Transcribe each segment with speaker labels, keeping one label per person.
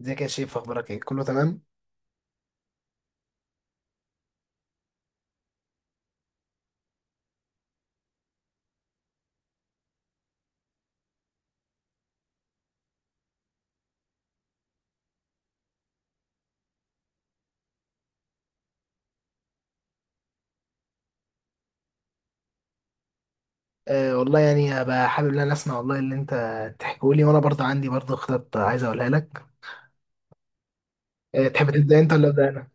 Speaker 1: ازيك يا شيف؟ اخبارك ايه؟ كله تمام. والله، يعني هبقى حابب ان انا اسمع والله اللي انت تحكيه لي، وانا برضه عندي برضه خطط عايز اقولها لك. تحب تبدا انت ولا ابدا انا؟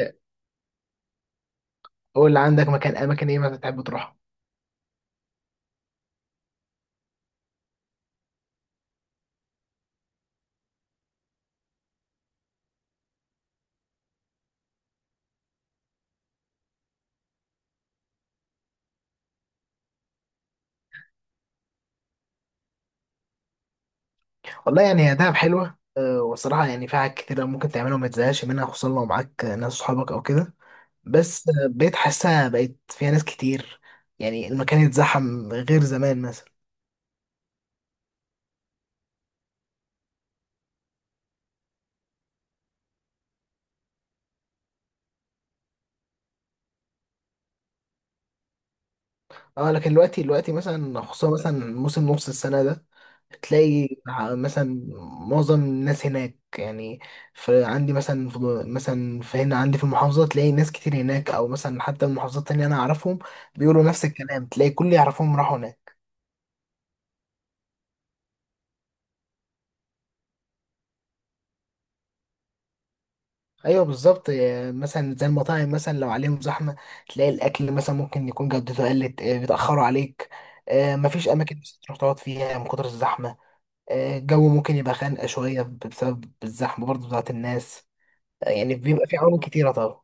Speaker 1: آه، قول اللي عندك. مكان اماكن ايه مثلا تحب تروحها؟ والله يعني هي دهب حلوه، والصراحه يعني فيها حاجات كتير ممكن تعملها وما تزهقش منها، خصوصا لو معاك ناس صحابك او كده. بس بقيت حاسها بقيت فيها ناس كتير، يعني المكان اتزحم غير زمان مثلا. اه لكن دلوقتي، مثلا خصوصا مثلا موسم نص السنة ده تلاقي مثلا معظم الناس هناك، يعني في عندي مثلا في في هنا عندي في المحافظة تلاقي ناس كتير هناك، أو مثلا حتى المحافظات التانية أنا أعرفهم بيقولوا نفس الكلام، تلاقي كل اللي يعرفهم راحوا هناك. أيوه بالظبط، مثلا زي المطاعم مثلا لو عليهم زحمة تلاقي الأكل مثلا ممكن يكون جودته قلت، بيتأخروا عليك، مفيش أماكن بس تروح تقعد فيها من كتر الزحمة، الجو ممكن يبقى خانقة شوية بسبب الزحمة برضه بتاعت الناس. يعني بيبقى في عوامل كتيرة طبعا.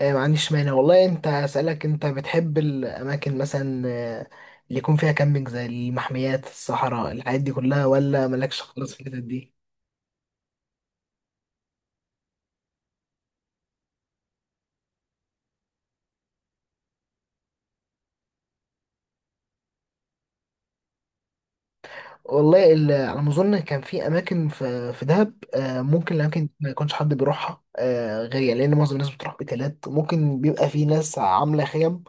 Speaker 1: ما عنديش مانع والله. انت اسألك، انت بتحب الأماكن مثلا اللي يكون فيها كامبينج زي المحميات الصحراء الحاجات دي كلها، ولا مالكش خالص في الحتت دي؟ والله، على ما أظن كان في أماكن في دهب، ممكن الأماكن دي ما يكونش حد بيروحها غير يعني، لأن معظم الناس بتروح أوتيلات. ممكن بيبقى في ناس عاملة خيم،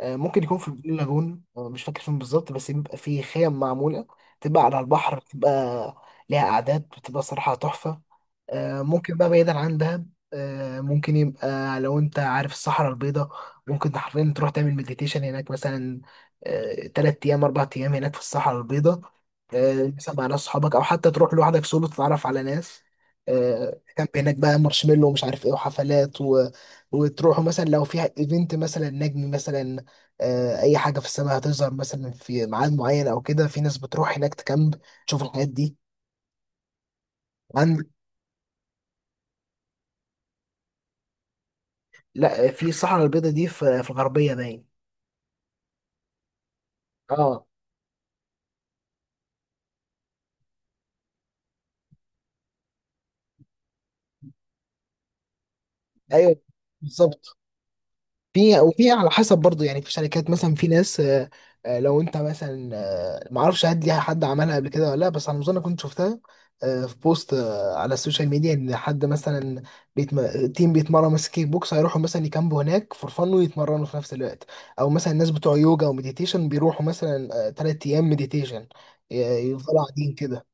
Speaker 1: ممكن يكون في البلو لاجون. مش فاكر فين بالظبط، بس بيبقى فيه خيم معمولة تبقى على البحر، بتبقى ليها قعدات بتبقى صراحة تحفة. ممكن بقى بعيدا عن دهب، ممكن يبقى لو انت عارف الصحراء البيضاء ممكن حرفيا تروح تعمل مديتيشن هناك مثلا، 3 أيام 4 أيام هناك في الصحراء البيضاء، مثلا مع ناس صحابك أو حتى تروح لوحدك سولو تتعرف على ناس، كامب هناك بقى مارشميلو ومش عارف ايه وحفلات وتروحوا مثلا لو في ايفنت مثلا نجم مثلا، اي حاجه في السماء هتظهر مثلا في ميعاد معين او كده، في ناس بتروح هناك تكامب تشوف الحاجات دي. عن لا، في الصحراء البيضاء دي في الغربيه باين. اه ايوه بالظبط. في، وفي على حسب برضه، يعني في شركات مثلا، في ناس لو انت مثلا ما اعرفش هل ليها حد عملها قبل كده ولا لا، بس على ما اظن كنت شفتها في بوست على السوشيال ميديا ان حد مثلا بيتم... تيم بيتمرن مثلا كيك بوكس هيروحوا مثلا يكامبوا هناك فور فن ويتمرنوا في نفس الوقت، او مثلا الناس بتوع يوجا ومديتيشن بيروحوا مثلا 3 ايام مديتيشن ي- يفضلوا قاعدين كده.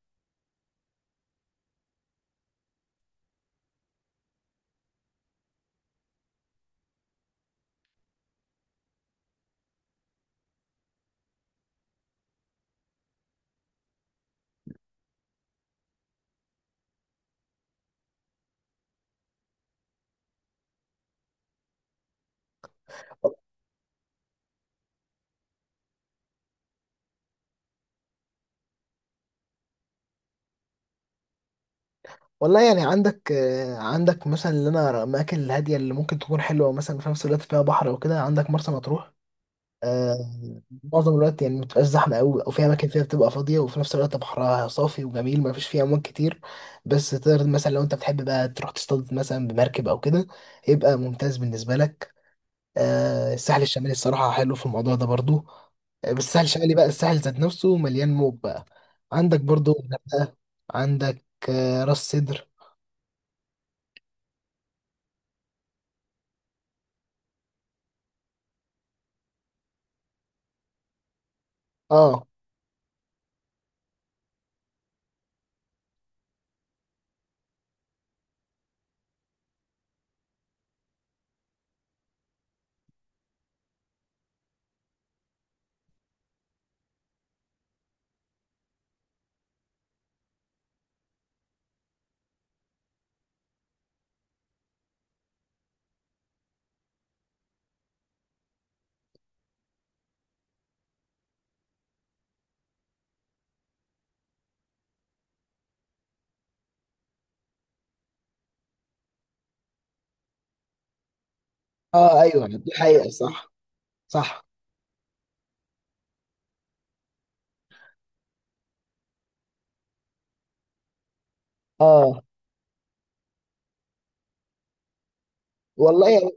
Speaker 1: والله يعني عندك، عندك مثلا اللي انا الاماكن الهاديه اللي ممكن تكون حلوه مثلا في نفس الوقت فيها بحر او كده، عندك مرسى مطروح. آه، معظم الوقت يعني متبقاش زحمة أوي، أو في أماكن فيها بتبقى فاضية وفي نفس الوقت بحرها صافي وجميل مفيش فيه أمواج كتير، بس تقدر مثلا لو أنت بتحب بقى تروح تصطاد مثلا بمركب أو كده يبقى ممتاز بالنسبة لك. الساحل الشمالي الصراحة حلو في الموضوع ده برضو، بس الساحل الشمالي بقى الساحل ذات نفسه مليان موج بقى. عندك برضو الغردقة، عندك راس سدر. اه اه ايوه، دي حقيقة صح. صح. اه والله،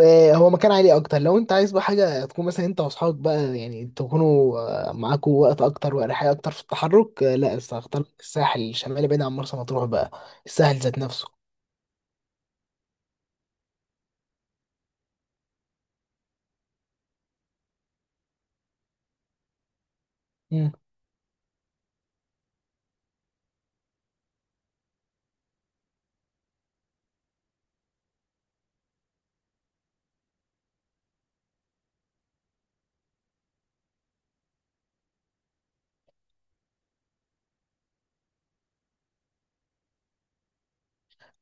Speaker 1: هو مكان عالي اكتر، لو انت عايز بقى حاجه تكون مثلا انت واصحابك بقى يعني تكونوا معاكوا وقت اكتر واريحيه اكتر في التحرك. لا، بس هختار الساحل الشمالي بعيد عن مرسى مطروح بقى، الساحل ذات نفسه. مم.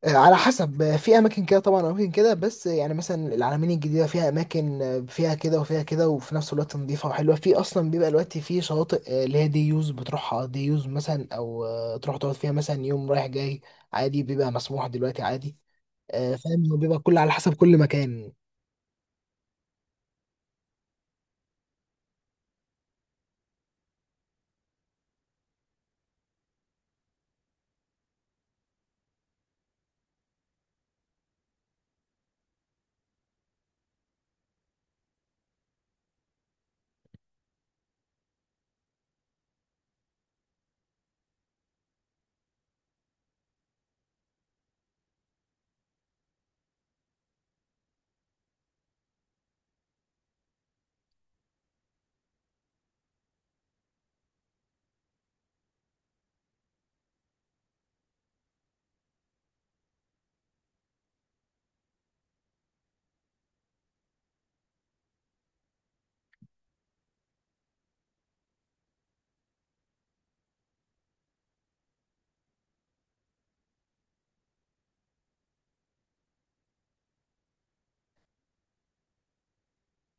Speaker 1: على حسب، في اماكن كده طبعا، اماكن كده، بس يعني مثلا العلمين الجديده فيها اماكن، فيها كده وفيها كده وفي نفس الوقت نظيفه وحلوه. في اصلا بيبقى دلوقتي في شواطئ اللي هي دي يوز بتروحها، دي يوز مثلا، او تروح تقعد فيها مثلا يوم رايح جاي عادي. بيبقى مسموح دلوقتي عادي. فاهم، هو بيبقى كل على حسب كل مكان.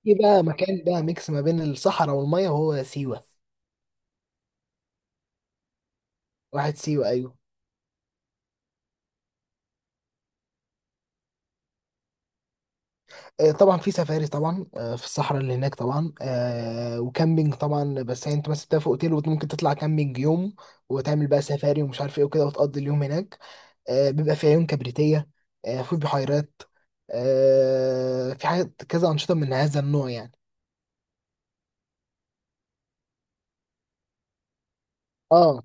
Speaker 1: في بقى مكان بقى ميكس ما بين الصحراء والميه وهو سيوه. واحد سيوه ايوه. طبعا في سفاري طبعا، في الصحراء اللي هناك طبعا، وكامبينج طبعا، بس يعني انت مثلا بتبقى في اوتيل وممكن تطلع كامبينج يوم وتعمل بقى سفاري ومش عارف ايه وكده وتقضي اليوم هناك. بيبقى في عيون كبريتية، في بحيرات، في حاجات كذا، أنشطة من هذا النوع يعني. اه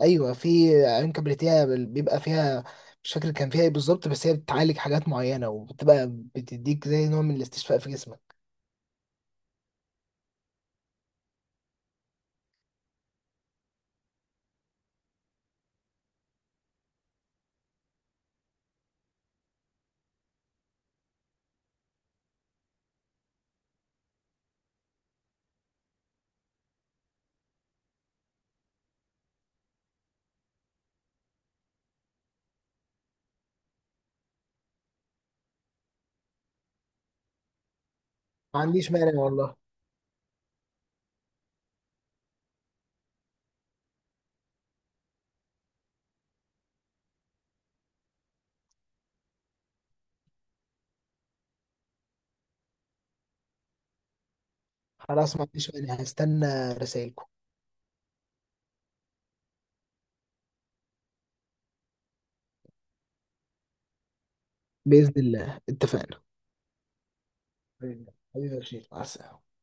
Speaker 1: ايوه، في عيون كبريتية بيبقى فيها، مش فاكر كان فيها ايه بالظبط، بس هي بتعالج حاجات معينة وبتبقى بتديك زي نوع من الاستشفاء في جسمك. ما عنديش مانع والله. خلاص ما عنديش مانع، هستنى رسائل. بإذن الله اتفقنا. حبيبي. حبيبي يا رشيد، مع السلامة.